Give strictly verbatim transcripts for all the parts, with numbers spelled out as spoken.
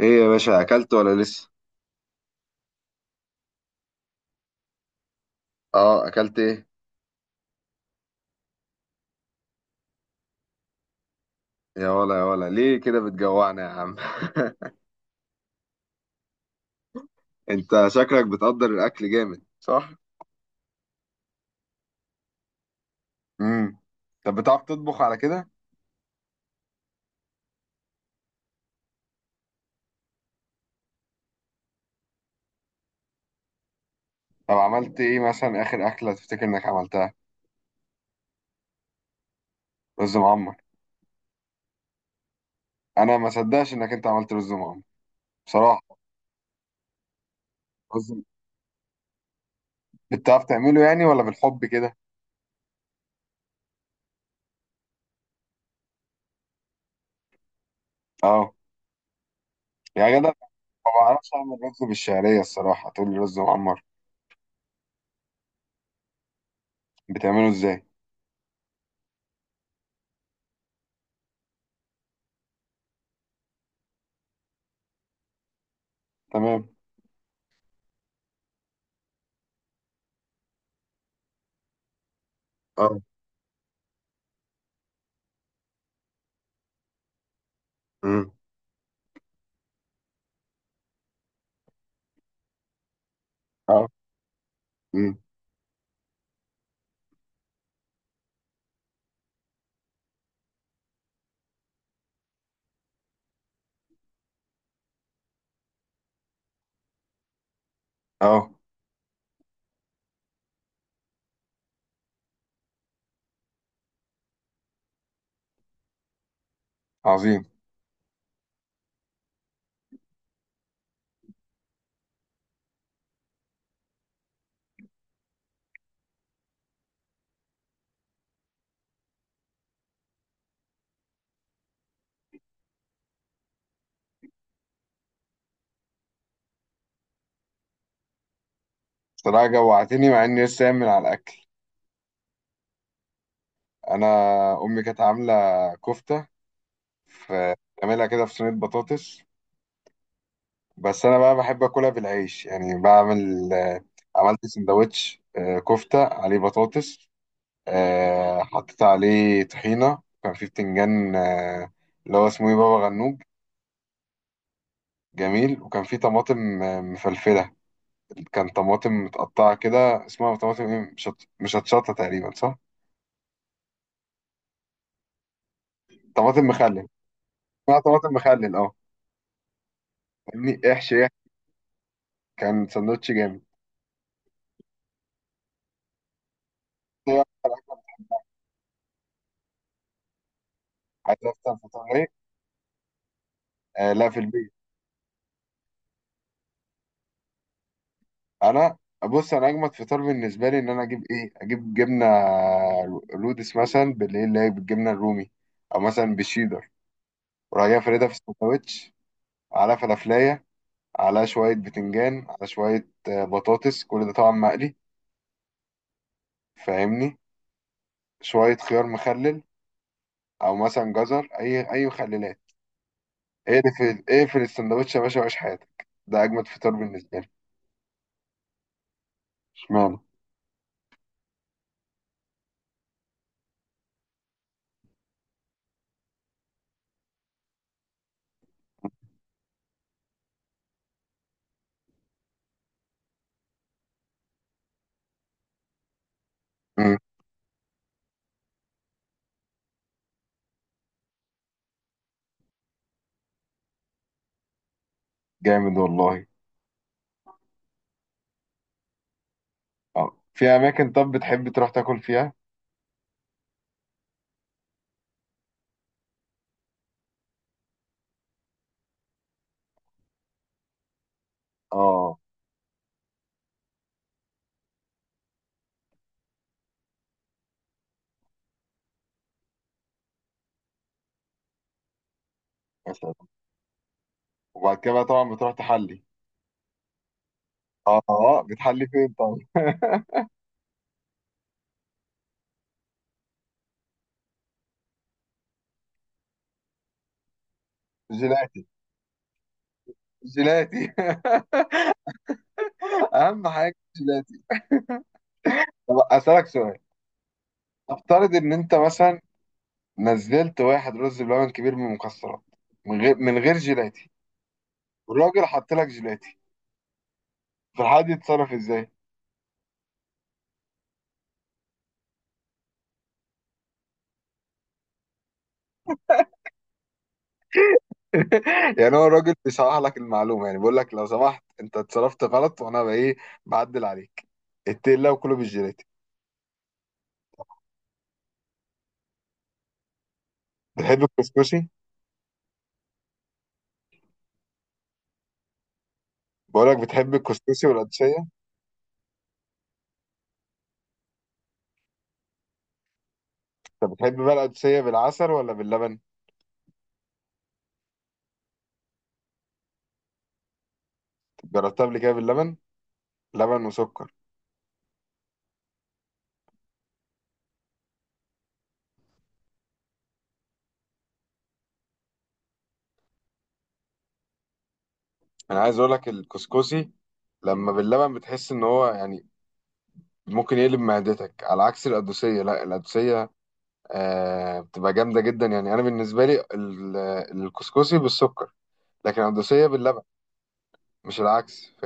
ايه يا باشا، اكلت ولا لسه؟ اه، اكلت ايه؟ يا ولا يا ولا، ليه كده بتجوعنا يا عم؟ انت شكلك بتقدر الاكل جامد، صح؟ امم. طب بتعرف تطبخ على كده؟ طب عملت ايه مثلا اخر اكله تفتكر انك عملتها؟ رز معمر. انا ما صدقش انك انت عملت رز معمر بصراحه. رز. بتعرف تعمله يعني ولا بالحب كده؟ اه. يا جدع. ما بعرفش اعمل رز بالشعريه الصراحه، تقول لي رز معمر؟ بتعمله ازاي؟ تمام. اه. امم. اه. امم. اه. عظيم. بصراحة جوعتني مع إني لسه قايم من على الأكل. أنا، أمي كانت عاملة كفتة، في بتعملها كده في صينية بطاطس. بس أنا بقى بحب آكلها بالعيش، يعني بعمل آه، عملت سندوتش، آه، كفتة عليه بطاطس. آه، حطيت عليه طحينة، وكان فيه بتنجان آه، اللي هو اسمه إيه، بابا غنوج جميل. وكان فيه طماطم آه، مفلفلة. كان طماطم متقطعة كده، اسمها طماطم إيه، مش مشطشطة تقريبا صح؟ طماطم مخلل. اسمها طماطم مخلل أه. فاهمني، احشي احشي. كان سندوتش جامد. إيه، عايز افطر فطار ايه؟ آه لا، في البيت. انا، بص انا اجمد فطار بالنسبه لي ان انا اجيب ايه، اجيب جبنه رودس مثلا بالليل، اللي هي بالجبنه الرومي، او مثلا بالشيدر، وراح جاي فردها في السندوتش، على فلافلايه، على شويه بتنجان، على شويه آه، بطاطس، كل ده طبعا مقلي، فاهمني؟ شويه خيار مخلل، او مثلا جزر، اي اي مخللات. ايه في ايه في السندوتش يا باشا، وعيش حياتك، ده اجمد فطار بالنسبه لي. اشمعنى؟ جامد والله. اه، في اماكن طب بتحب تروح تاكل فيها؟ اه، مثلا. وبعد كده بقى طبعا بتروح تحلي؟ اه، آه، بتحلي فين طبعا؟ جيلاتي. جيلاتي. اهم حاجه جيلاتي. طب اسالك سؤال، افترض ان انت مثلا نزلت واحد رز بلبن كبير من المكسرات، من غير من غير جيلاتي، والراجل حط لك جيلاتي، فالحد يتصرف ازاي؟ يعني هو الراجل بيصحح لك المعلومه، يعني بيقول لك لو سمحت انت اتصرفت غلط، وانا بايه بعدل عليك، اتقل الله وكله بالجيلاتي. بتحب الكسكسي؟ بقولك بتحب الكسكسي والقدسية؟ طب بتحب بقى القدسية بالعسل ولا باللبن؟ جربتها قبل كده باللبن، لبن وسكر؟ انا عايز اقولك الكسكسي لما باللبن بتحس ان هو يعني ممكن يقلب معدتك، على عكس القدوسية، لا القدوسية آه بتبقى جامدة جدا. يعني انا بالنسبة لي ال- الكسكسي بالسكر، لكن القدوسية باللبن، مش العكس. ف-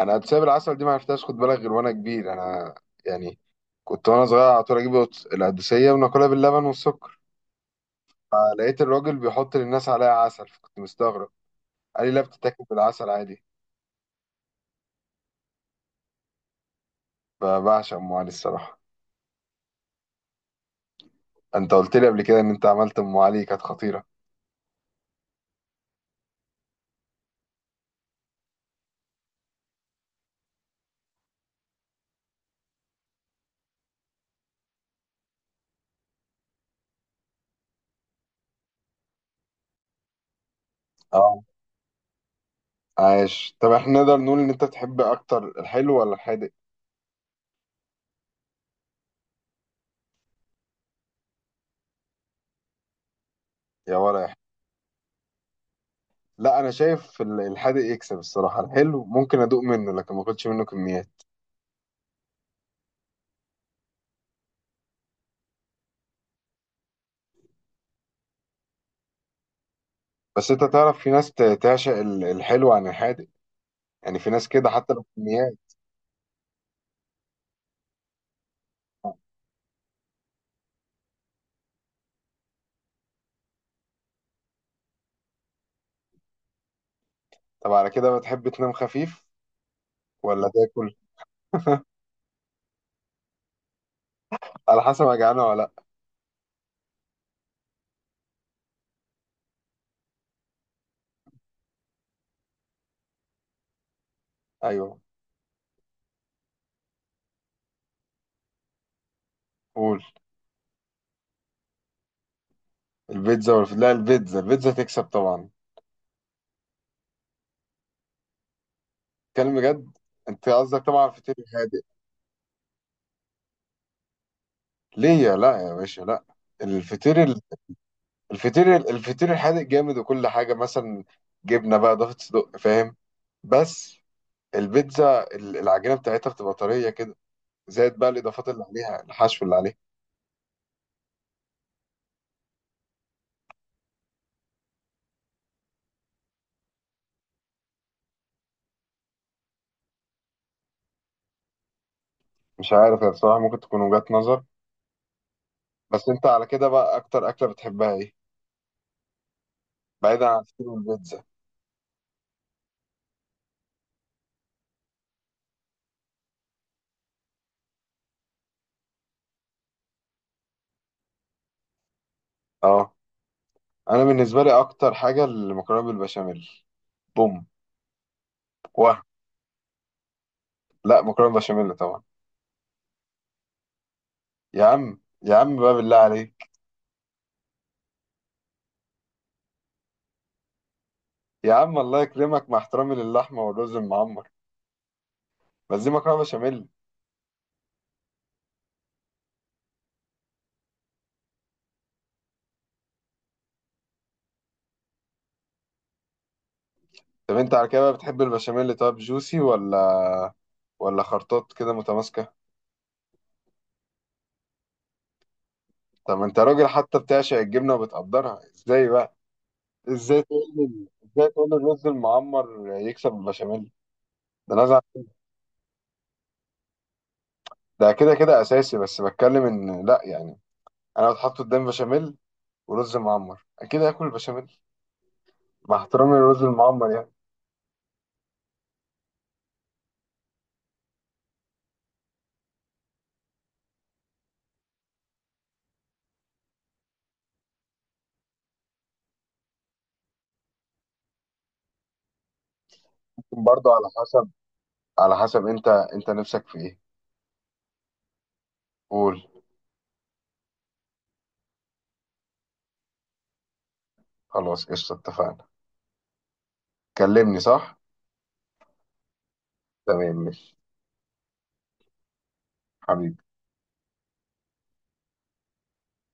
انا القدوسية بالعسل دي ما عرفتهاش خد بالك غير وانا كبير. انا يعني كنت وانا صغير على طول اجيب القدوسية وناكلها باللبن والسكر، لقيت الراجل بيحط للناس عليها عسل، فكنت مستغرب، قال لي لا، بتتاكل بالعسل عادي. فبعشق ام علي الصراحه. انت قلت لي قبل كده ان انت عملت ام علي كانت خطيره. اه، عايش. طب احنا نقدر نقول ان انت تحب اكتر الحلو ولا الحادق؟ يا ولا يا حلو. لا، انا شايف ال- الحادق يكسب الصراحه. الحلو ممكن ادوق منه لكن ما اكلش منه كميات. بس انت تعرف في ناس ت- تعشق ال- الحلو عن الحادق، يعني في ناس كده حتى لو كميات. طب على كده بتحب تنام خفيف ولا تاكل؟ على حسب، انا جعانه ولا لا. ايوه. قول. البيتزا، ولا لا، البيتزا البيتزا تكسب طبعا. كلام بجد. انت قصدك طبعا على الفطير الهادئ. ليه يا، لا يا باشا، لا. الفطير ال- الفطير ال- الفطير الحادق جامد، وكل حاجه مثلا جبنه بقى اضافه صدق، فاهم؟ بس البيتزا ال- العجينه بتاعتها بتبقى طريه كده، زائد بقى الاضافات اللي عليها، الحشو اللي عليها. مش عارف يا، بصراحه ممكن تكون وجهات نظر. بس انت على كده بقى اكتر اكله بتحبها ايه، بعيدا عن الفطير والبيتزا؟ اه. انا بالنسبه لي اكتر حاجه المكرونه بالبشاميل. بوم. لا، مكرونه بشاميل طبعا. يا عم يا عم بقى بالله عليك. يا عم الله يكرمك، مع احترامي للحمه والرز المعمر، بس دي مكرونه بشاميل. طب انت على كده بقى بتحب البشاميل، طب جوسي ولا ولا خرطات كده متماسكه؟ طب ما انت راجل حتى بتعشق الجبنه وبتقدرها ازاي بقى، ازاي تقول لي- ازاي تقول لي الرز المعمر يكسب البشاميل؟ ده نزع. ده كده كده اساسي، بس بتكلم ان لا يعني انا لو اتحط قدام بشاميل ورز معمر اكيد هاكل البشاميل، مع احترامي للرز المعمر يعني. ممكن برضه على حسب، على حسب انت انت نفسك في ايه. قول. خلاص قشطة، اتفقنا. كلمني صح. تمام ماشي. حبيبي.